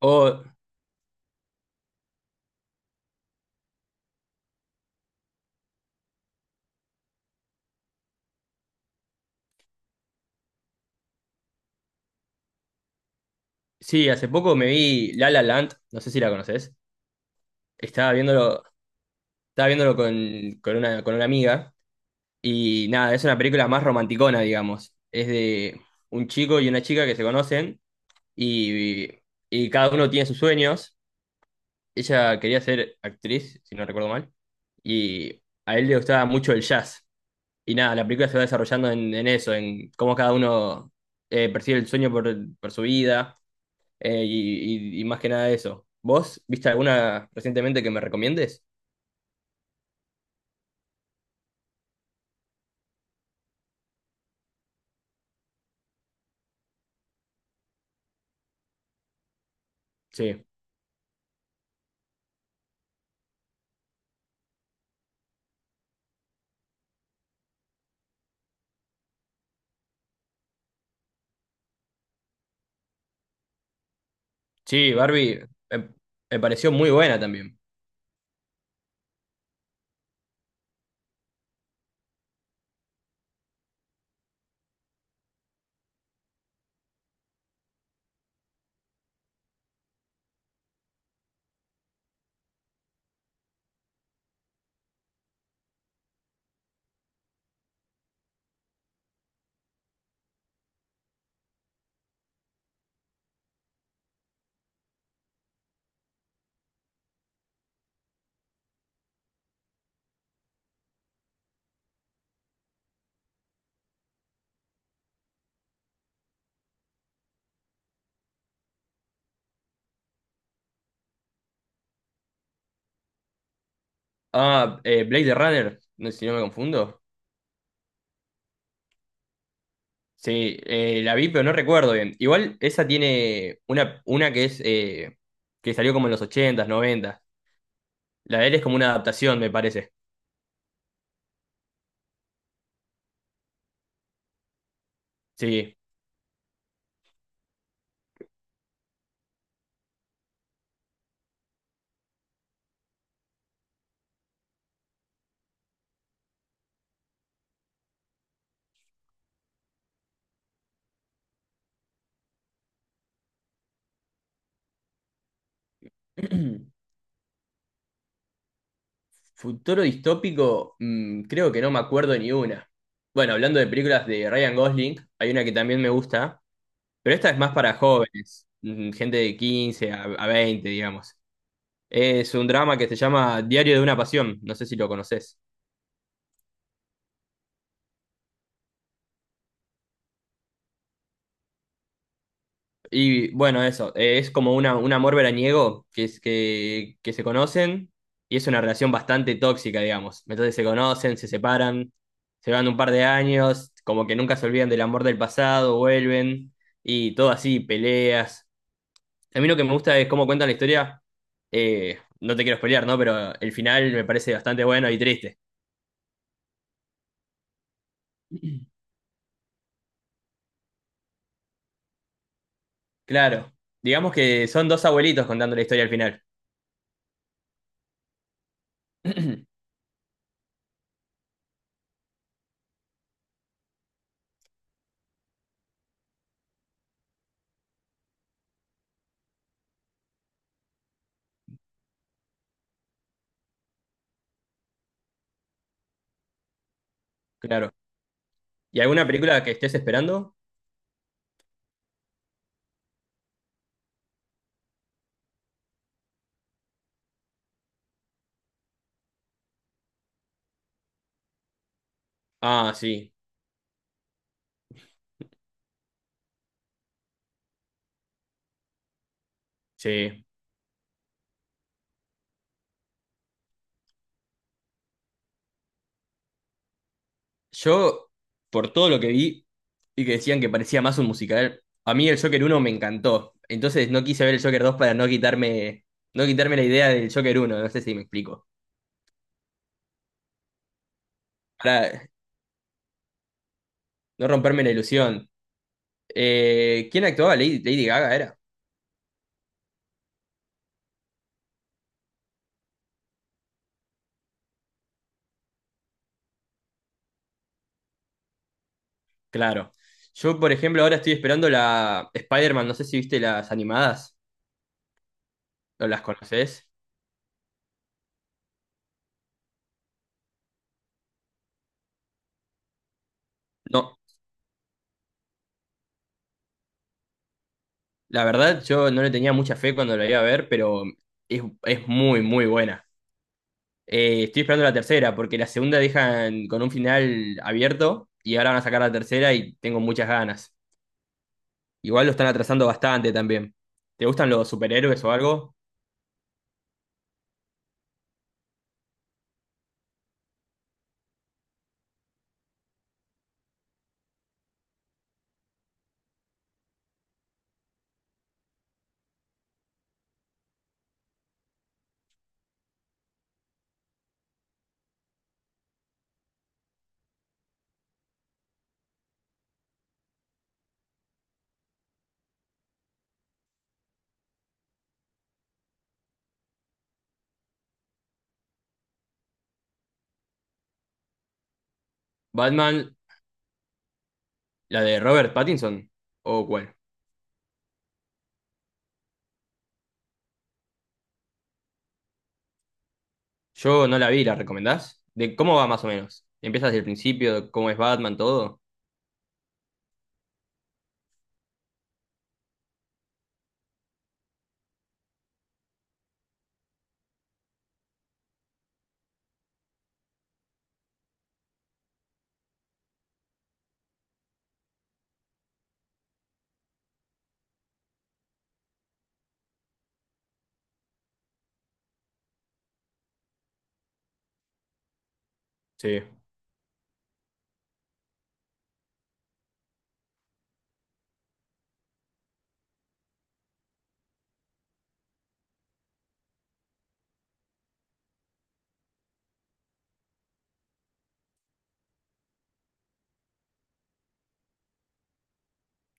O, sí, hace poco me vi La La Land, no sé si la conoces. Estaba viéndolo, Estaba viéndolo con una amiga. Y nada, es una película más romanticona, digamos. Es de un chico y una chica que se conocen y, y cada uno tiene sus sueños. Ella quería ser actriz, si no recuerdo mal, y a él le gustaba mucho el jazz. Y nada, la película se va desarrollando en eso, en cómo cada uno percibe el sueño por su vida. Y más que nada eso. ¿Vos viste alguna recientemente que me recomiendes? Sí. Sí, Barbie, eh, pareció muy buena también. Ah, Blade Runner, no sé si no me confundo. Sí, la vi, pero no recuerdo bien. Igual esa tiene una que es que salió como en los ochentas s La de él es como una adaptación, me parece. Sí. Futuro distópico, creo que no me acuerdo ni una. Bueno, hablando de películas de Ryan Gosling, hay una que también me gusta. Pero esta es más para jóvenes, gente de 15 a 20, digamos. Es un drama que se llama Diario de una Pasión, no sé si lo conoces. Y bueno, eso, es como un amor veraniego que se conocen y es una relación bastante tóxica, digamos. Entonces se conocen, se separan, se van un par de años, como que nunca se olvidan del amor del pasado, vuelven y todo así, peleas. A mí lo que me gusta es cómo cuentan la historia. No te quiero spoilear, ¿no? Pero el final me parece bastante bueno y triste. Claro. Digamos que son dos abuelitos contando la historia al final. Claro. ¿Y alguna película que estés esperando? Ah, sí. Sí. Yo, por todo lo que vi y que decían que parecía más un musical, a mí el Joker uno me encantó. Entonces no quise ver el Joker dos para no quitarme la idea del Joker uno. No sé si me explico. Para no romperme la ilusión. ¿Quién actuaba? Lady Gaga era. Claro. Yo, por ejemplo, ahora estoy esperando la Spider-Man, no sé si viste las animadas o las conoces. No, la verdad yo no le tenía mucha fe cuando la iba a ver, pero es muy, muy buena. Estoy esperando la tercera, porque la segunda dejan con un final abierto y ahora van a sacar la tercera y tengo muchas ganas. Igual lo están atrasando bastante también. ¿Te gustan los superhéroes o algo? ¿Batman, la de Robert Pattinson? ¿O cuál? Yo no la vi, ¿la recomendás? ¿De cómo va más o menos? ¿Empiezas desde el principio? ¿Cómo es Batman, todo? Sí.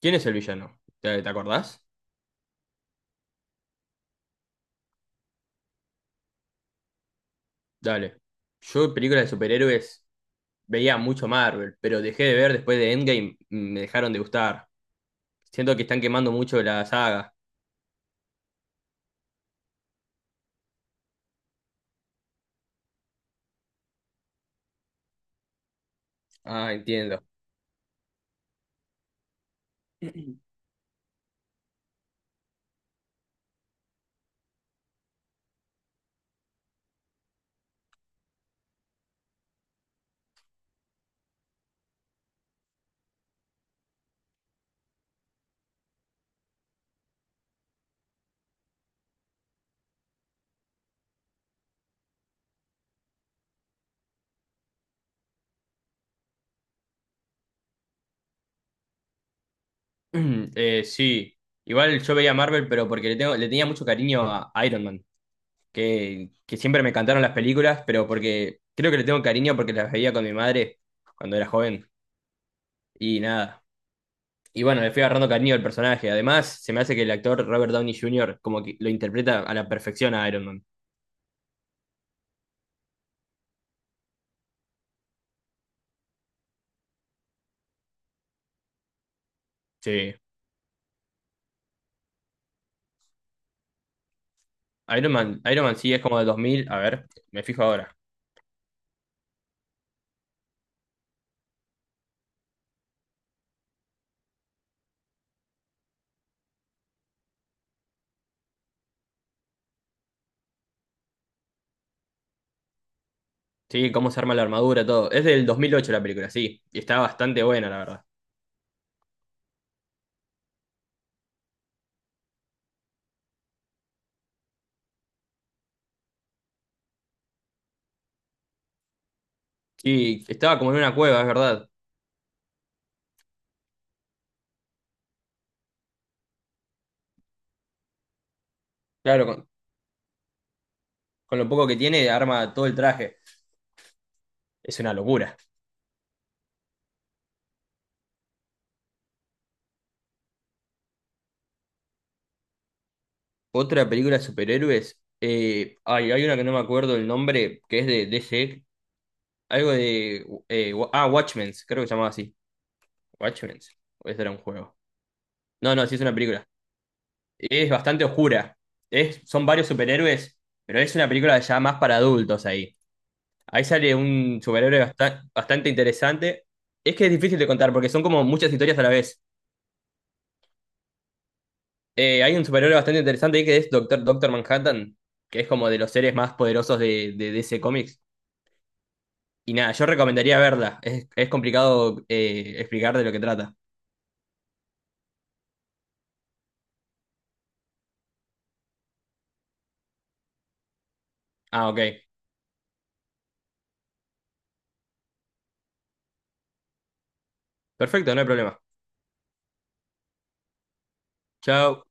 ¿Quién es el villano? ¿Te acordás? Dale. Yo películas de superhéroes veía mucho Marvel, pero dejé de ver después de Endgame, me dejaron de gustar. Siento que están quemando mucho la saga. Ah, entiendo. Sí. Igual yo veía Marvel, pero porque le tenía mucho cariño a Iron Man, que siempre me encantaron las películas, pero porque creo que le tengo cariño porque las veía con mi madre cuando era joven. Y nada. Y bueno, le fui agarrando cariño al personaje. Además, se me hace que el actor Robert Downey Jr. como que lo interpreta a la perfección a Iron Man. Sí. Iron Man sí es como del 2000. A ver, me fijo ahora. Sí, cómo se arma la armadura, todo. Es del 2008 la película, sí. Y está bastante buena, la verdad. Sí, estaba como en una cueva, es verdad. Claro, con lo poco que tiene, arma todo el traje. Es una locura. Otra película de superhéroes. Ay, hay una que no me acuerdo el nombre, que es de DC. Algo de... Watchmen, creo que se llamaba así. Watchmen. O eso era un juego. No, no, sí es una película. Es bastante oscura. Son varios superhéroes, pero es una película ya más para adultos ahí. Ahí sale un superhéroe bastante interesante. Es que es difícil de contar porque son como muchas historias a la vez. Hay un superhéroe bastante interesante ahí que es Doctor Manhattan, que es como de los seres más poderosos de, DC Comics. Y nada, yo recomendaría verla. Es complicado, explicar de lo que trata. Ah, ok. Perfecto, no hay problema. Chao.